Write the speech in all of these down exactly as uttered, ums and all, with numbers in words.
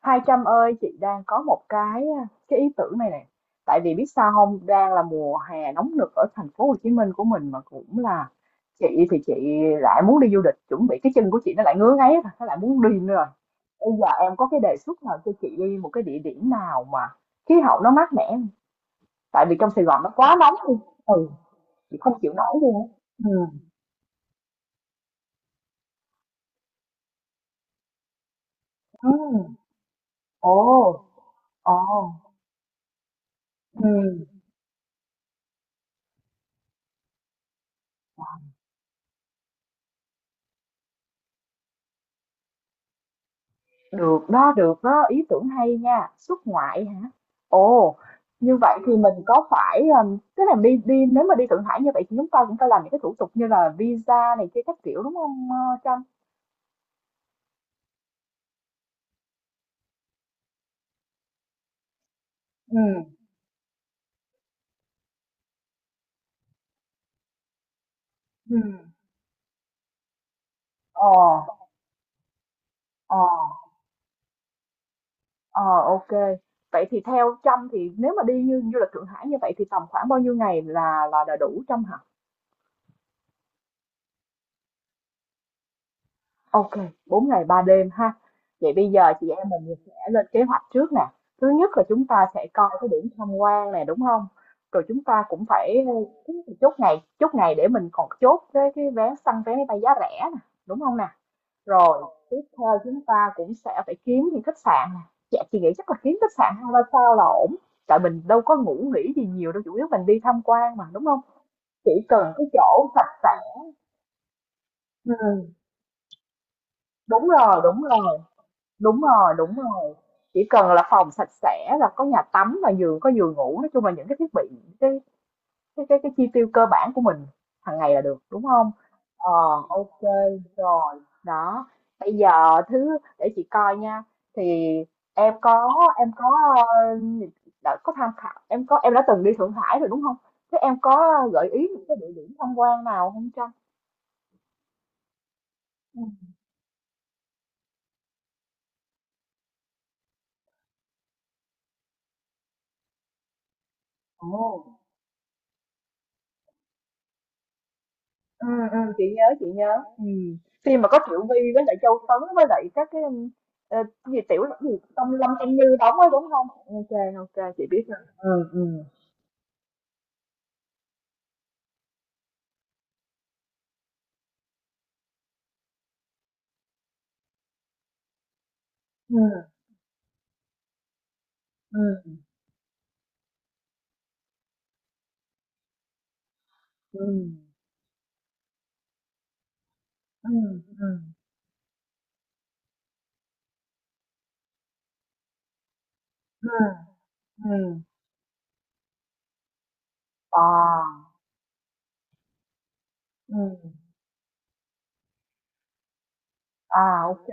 Hai Trâm ơi, chị đang có một cái cái ý tưởng này nè. Tại vì biết sao không, đang là mùa hè nóng nực ở thành phố Hồ Chí Minh của mình mà cũng là chị thì chị lại muốn đi du lịch, chuẩn bị cái chân của chị nó lại ngứa ngáy rồi, nó lại muốn đi nữa rồi. Bây giờ em có cái đề xuất nào cho chị đi một cái địa điểm nào mà khí hậu nó mát mẻ không? Tại vì trong Sài Gòn nó quá nóng đi. Ừ, chị không chịu nổi luôn á. Ừ. Ừ. Ồ, ồ. Ừ. Được đó, được đó, ý tưởng hay nha. Xuất ngoại hả? Ồ, như vậy thì mình có phải, ờm, tức là đi đi nếu mà đi Thượng Hải như vậy thì chúng ta cũng phải làm những cái thủ tục như là visa này kia các kiểu, đúng không ơ, Trâm? Ừ, ừ, ờ, ờ, ờ, ok. Vậy thì theo Trâm thì nếu mà đi như du lịch Thượng Hải như vậy thì tầm khoảng bao nhiêu ngày là là là đủ Trâm hả? Ok, bốn ngày ba đêm ha. Vậy bây giờ chị em mình sẽ lên kế hoạch trước nè. Thứ nhất là chúng ta sẽ coi cái điểm tham quan này đúng không? Rồi chúng ta cũng phải chốt ngày, chốt ngày để mình còn chốt cái cái vé săn vé máy bay giá rẻ nè, đúng không nè? Rồi, tiếp theo chúng ta cũng sẽ phải kiếm những khách sạn nè. Dạ, chị nghĩ chắc là kiếm khách sạn hai ba sao là ổn. Tại mình đâu có ngủ nghỉ gì nhiều đâu, chủ yếu mình đi tham quan mà, đúng không? Chỉ cần cái chỗ sạch sẽ. Ừ, đúng rồi, đúng rồi. Đúng rồi, đúng rồi. Chỉ cần là phòng sạch sẽ là có nhà tắm và giường có giường ngủ, nói chung là những cái thiết bị cái cái cái cái chi tiêu cơ bản của mình hàng ngày là được, đúng không? Ờ, ok rồi. Đó. Bây giờ thứ để chị coi nha. Thì em có em có ờ, đã có tham khảo, em có em đã từng đi Thượng Hải rồi đúng không? Thế em có gợi ý những cái địa điểm tham quan nào không Trang? Ừ. Ồ. Ừ, ừ, chị nhớ chị nhớ ừ. Khi mà có Triệu Vy với lại Châu Tấn với lại các cái ờ, cái gì tiểu cái gì Tâm Lâm Tâm Như đóng ấy đúng không? Ok, ok chị biết rồi. Ừ. ừ ừ ừ ừ ừ ừ ừ ừ à, ừ, à, ok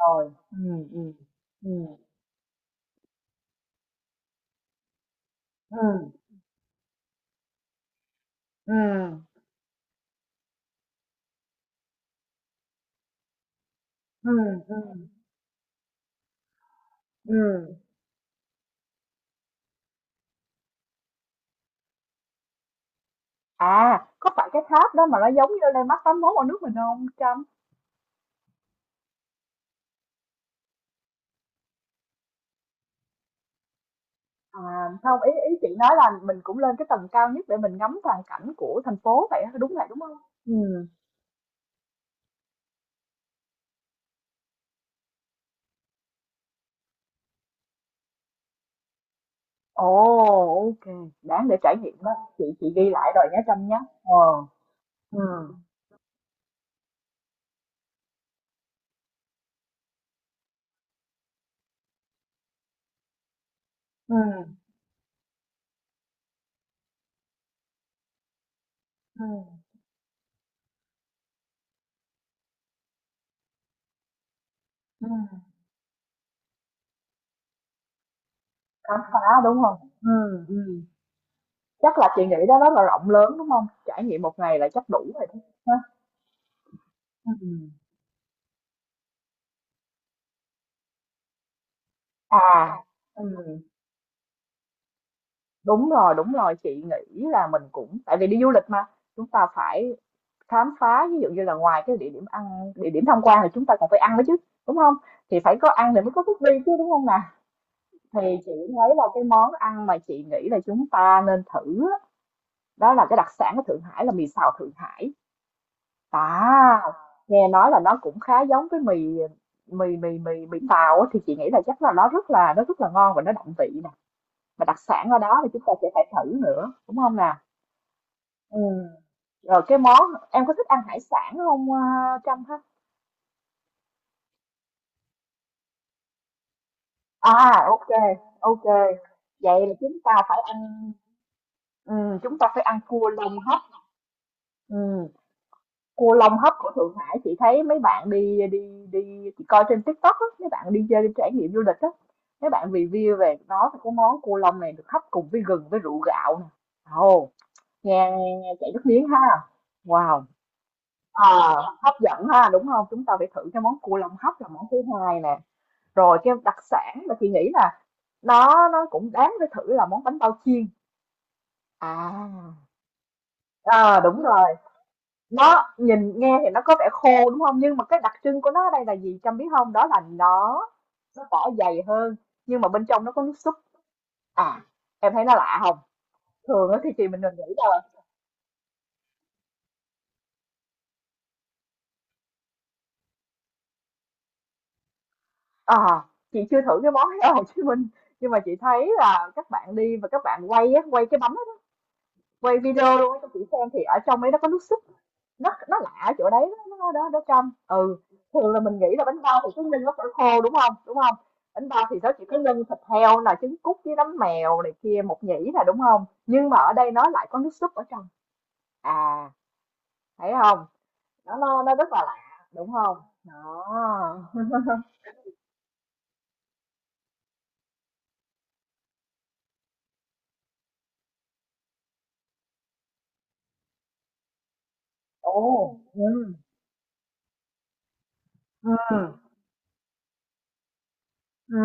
rồi. Ừ ừ ừ ừ ừ ừ ừ ừ. À, có phải cái tháp đó mà nó giống như Landmark tám mốt ở nước mình không Trâm? À, không, ý ý chị nói là mình cũng lên cái tầng cao nhất để mình ngắm toàn cảnh của thành phố vậy á, đúng vậy đúng không? Ừ. Ồ, ok, đáng để trải nghiệm đó. Chị chị ghi lại rồi nhé Trâm nhé. Ờ. Ừ. Ừ. Ừ. Ừ. Khám phá đúng không? Ừ. Ừ. Chắc là chị nghĩ đó rất là rộng lớn đúng không? Trải nghiệm một ngày là chắc đủ rồi đó. Ha? Ừ. À, ừ. Đúng rồi, đúng rồi, chị nghĩ là mình cũng tại vì đi du lịch mà, chúng ta phải khám phá ví dụ như là ngoài cái địa điểm ăn địa điểm tham quan thì chúng ta còn phải ăn nữa chứ đúng không, thì phải có ăn thì mới có bước đi chứ đúng không nè. Thì chị thấy là cái món ăn mà chị nghĩ là chúng ta nên thử á, đó là cái đặc sản của Thượng Hải là mì xào Thượng Hải, à nghe nói là nó cũng khá giống với mì mì mì mì mì tàu á, thì chị nghĩ là chắc là nó rất là nó rất là ngon và nó đậm vị nè, mà đặc sản ở đó thì chúng ta sẽ phải thử nữa đúng không nè. Ừ. Rồi cái món, em có thích ăn hải sản không à, Trâm? À, ok, ok. Vậy là chúng ta phải ăn, ừ, chúng ta phải ăn cua lông hấp. Ừ, cua lông hấp của Thượng Hải chị thấy mấy bạn đi đi đi chị coi trên TikTok á, mấy bạn đi chơi đi trải nghiệm du lịch á, mấy bạn review về nó thì cái món cua lông này được hấp cùng với gừng với rượu gạo nè. Ồ, nghe, nghe chảy nước miếng ha. Wow. Ờ, hấp dẫn ha, đúng không? Chúng ta phải thử cái món cua lông hấp là món thứ hai nè. Rồi cái đặc sản mà chị nghĩ là nó nó cũng đáng phải thử là món bánh bao chiên. À. À đúng rồi, nó nhìn nghe thì nó có vẻ khô, đúng không? Nhưng mà cái đặc trưng của nó ở đây là gì Trâm biết không? Đó là nó nó vỏ dày hơn, nhưng mà bên trong nó có nước súp. À. Em thấy nó lạ không? Thường á thì chị mình mình nghĩ là, à chị chưa thử cái món đó ở Hồ Chí Minh, nhưng mà chị thấy là các bạn đi và các bạn quay á, quay cái bánh quay video luôn cho chị xem thì ở trong ấy nó có nước súp, nó nó lạ chỗ đấy, nó nó nó trong. Ừ, thường là mình nghĩ là bánh bao thì cứ ninh nó phải khô đúng không, đúng không? Bánh bao thì nó chỉ có nhân thịt heo là trứng cút với nấm mèo này kia một nhĩ là đúng không, nhưng mà ở đây nó lại có nước súp ở trong. À, thấy không, nó nó nó rất là lạ đúng không? Đó. Ồ. Ừ. ừ ừ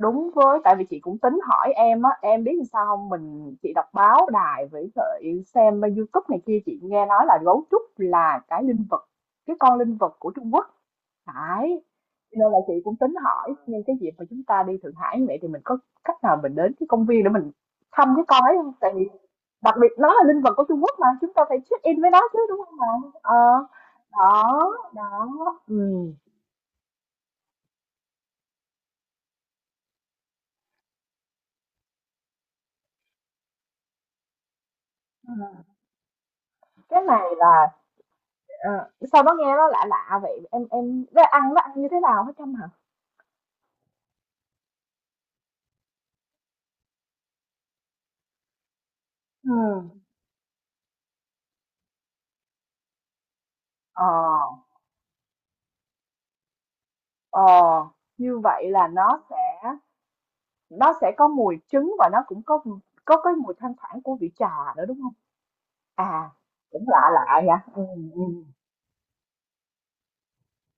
Đúng với tại vì chị cũng tính hỏi em á, em biết làm sao hông? Mình chị đọc báo đài với lại xem bên YouTube này kia, chị nghe nói là gấu trúc là cái linh vật, cái con linh vật của Trung Quốc, phải. Cho nên là chị cũng tính hỏi nhưng cái dịp mà chúng ta đi Thượng Hải như vậy thì mình có cách nào mình đến cái công viên để mình thăm cái con ấy không? Tại vì đặc biệt nó là linh vật của Trung Quốc mà, chúng ta phải check-in với nó chứ, đúng không bạn? Ờ, đó, đó, ừm, ừm, cái này là. Ờ, sao nó nghe nó lạ lạ vậy? Em em nó ăn nó ăn như thế nào hả Trâm hả? Ừ. Ờ, ờ, như vậy là nó sẽ nó sẽ có mùi trứng và nó cũng có có cái mùi thoang thoảng của vị trà nữa đúng không? À, cũng lạ lạ nha. Ừ. ừ.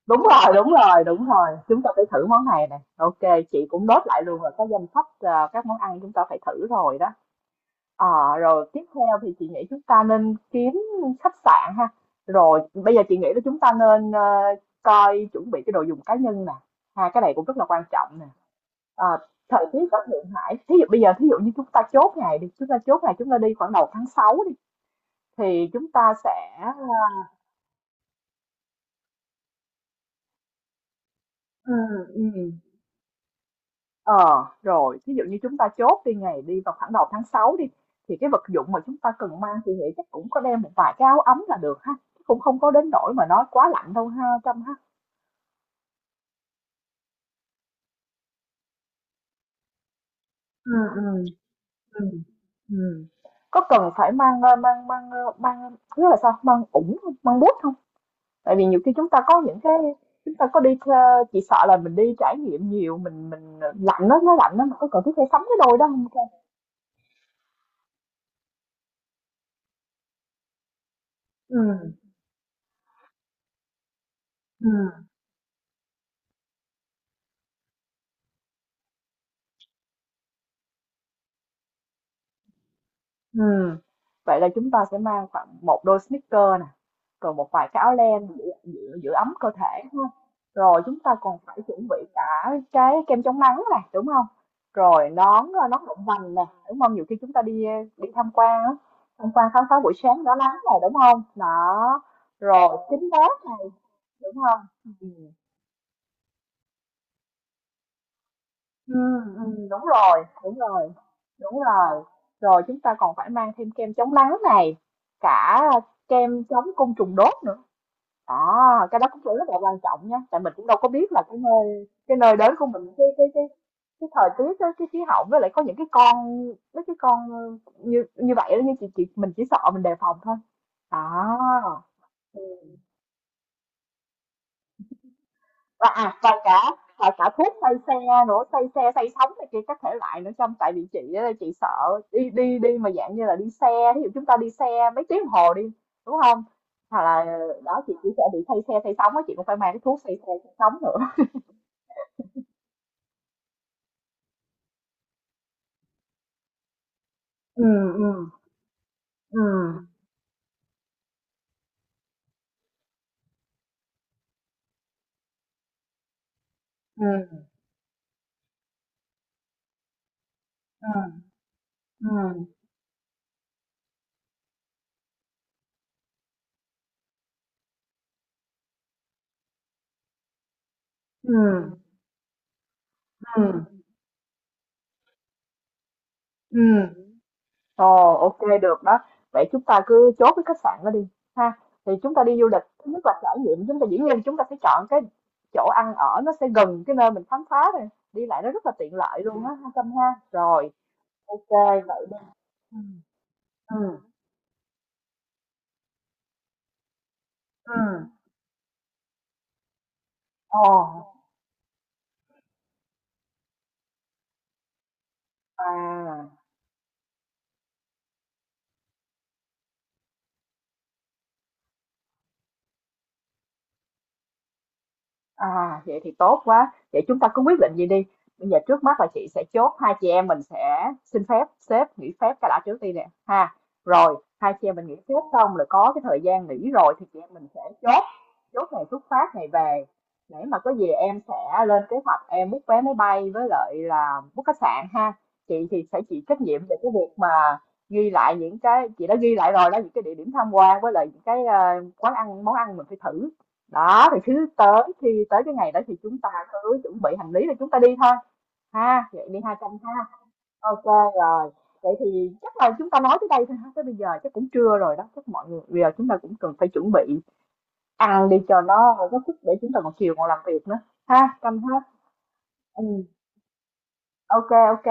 Đúng rồi, đúng rồi, đúng rồi. Chúng ta phải thử món này nè. Ok, chị cũng nốt lại luôn rồi cái danh sách ờ, các món ăn chúng ta phải thử rồi đó. Ờ, rồi tiếp theo thì chị nghĩ chúng ta nên kiếm khách sạn ha. Rồi bây giờ chị nghĩ là chúng ta nên, ờ, coi chuẩn bị cái đồ dùng cá nhân nè. Ha, cái này cũng rất là quan trọng nè. Ờ, thời tiết ở Thượng Hải, thí dụ bây giờ thí dụ như chúng ta chốt ngày đi, chúng ta chốt ngày chúng ta đi khoảng đầu tháng sáu đi thì chúng ta sẽ. Ừ. ừ. Ờ, rồi, ví dụ như chúng ta chốt đi ngày đi vào khoảng đầu tháng sáu đi thì cái vật dụng mà chúng ta cần mang thì nghĩ chắc cũng có đem một vài cái áo ấm là được ha. Cũng không có đến nỗi mà nó quá lạnh đâu ha Trâm ha. Ừ ừ ừ Ừ. Có cần phải mang ờ, mang mang ờ, mang nghĩa là sao? Mang ủng không? Mang bút không? Tại vì nhiều khi chúng ta có những cái, chúng ta có đi, ờ, chỉ sợ là mình đi trải nghiệm nhiều mình mình lạnh, nó nó lạnh đó, mà có cần thiết phải sắm cái đôi đó không? Ừ ừ. Ừm, vậy là chúng ta sẽ mang khoảng một đôi sneaker nè, rồi một vài cái áo len giữ, giữ, giữ ấm cơ thể đúng không? Rồi chúng ta còn phải chuẩn bị cả cái kem chống nắng này đúng không? Rồi nón, ờ, nón rộng vành nè đúng không? Nhiều khi chúng ta đi đi tham quan á, tham quan khám phá buổi sáng đó nắng này đúng không? Đó. Rồi kính mát này đúng không? Ừ. Ừm, ừm, đúng rồi, đúng rồi, đúng rồi. Rồi chúng ta còn phải mang thêm kem chống nắng này, cả kem chống côn trùng đốt nữa. À, cái đó cũng rất là quan trọng nha, tại mình cũng đâu có biết là cái nơi cái nơi đến của mình cái cái cái cái thời tiết á, cái khí hậu với lại có những cái con, mấy cái con như như vậy đó, như chị chị mình chỉ sợ mình đề phòng thôi. À, và à, và cả và cả thuốc xây xe nữa, xây xe xây sóng này kia các thể loại nữa trong tại vì chị á, chị sợ đi đi đi mà dạng như là đi xe, ví dụ chúng ta đi xe mấy tiếng đồng hồ đi đúng không, hoặc là đó chị chỉ sẽ bị xây xe xây sóng á, chị cũng phải mang cái thuốc xây xe xây sóng nữa. Ừ. ừ ừ ừ ừ ừ ừ ừ Ồ, ok được đó. Vậy chúng ta cứ chốt cái khách sạn đó đi ha. Thì chúng ta đi du lịch, thứ nhất là trải nghiệm, chúng ta dĩ nhiên chúng ta phải chọn cái chỗ ăn ở nó sẽ gần cái nơi mình khám phá này, đi lại nó rất là tiện lợi luôn á ha Tâm ha. Rồi, ok vậy đi. Ừ. Ừ. Ừ. Ồ, à. À, vậy thì tốt quá. Vậy chúng ta cứ quyết định gì đi. Bây giờ trước mắt là chị sẽ chốt hai chị em mình sẽ xin phép sếp nghỉ phép cái đã trước đi nè ha. Rồi hai chị em mình nghỉ phép xong rồi có cái thời gian nghỉ rồi thì chị em mình sẽ chốt chốt ngày xuất phát ngày về để mà có gì em sẽ lên kế hoạch em book vé máy bay với lại là book khách sạn ha. Chị thì sẽ chịu trách nhiệm về cái việc mà ghi lại những cái chị đã ghi lại rồi đó những cái địa điểm tham quan với lại những cái, ờ, quán ăn món ăn mình phải thử đó, thì thứ tới khi tới cái ngày đó thì chúng ta cứ chuẩn bị hành lý rồi chúng ta đi thôi ha, vậy đi hai trăm ha. Ok rồi, vậy thì chắc là chúng ta nói tới đây thôi ha, tới bây giờ chắc cũng trưa rồi đó, chắc mọi người bây giờ chúng ta cũng cần phải chuẩn bị ăn đi cho nó có sức để chúng ta còn chiều còn làm việc nữa ha Trâm hết. Ừ, ok ok.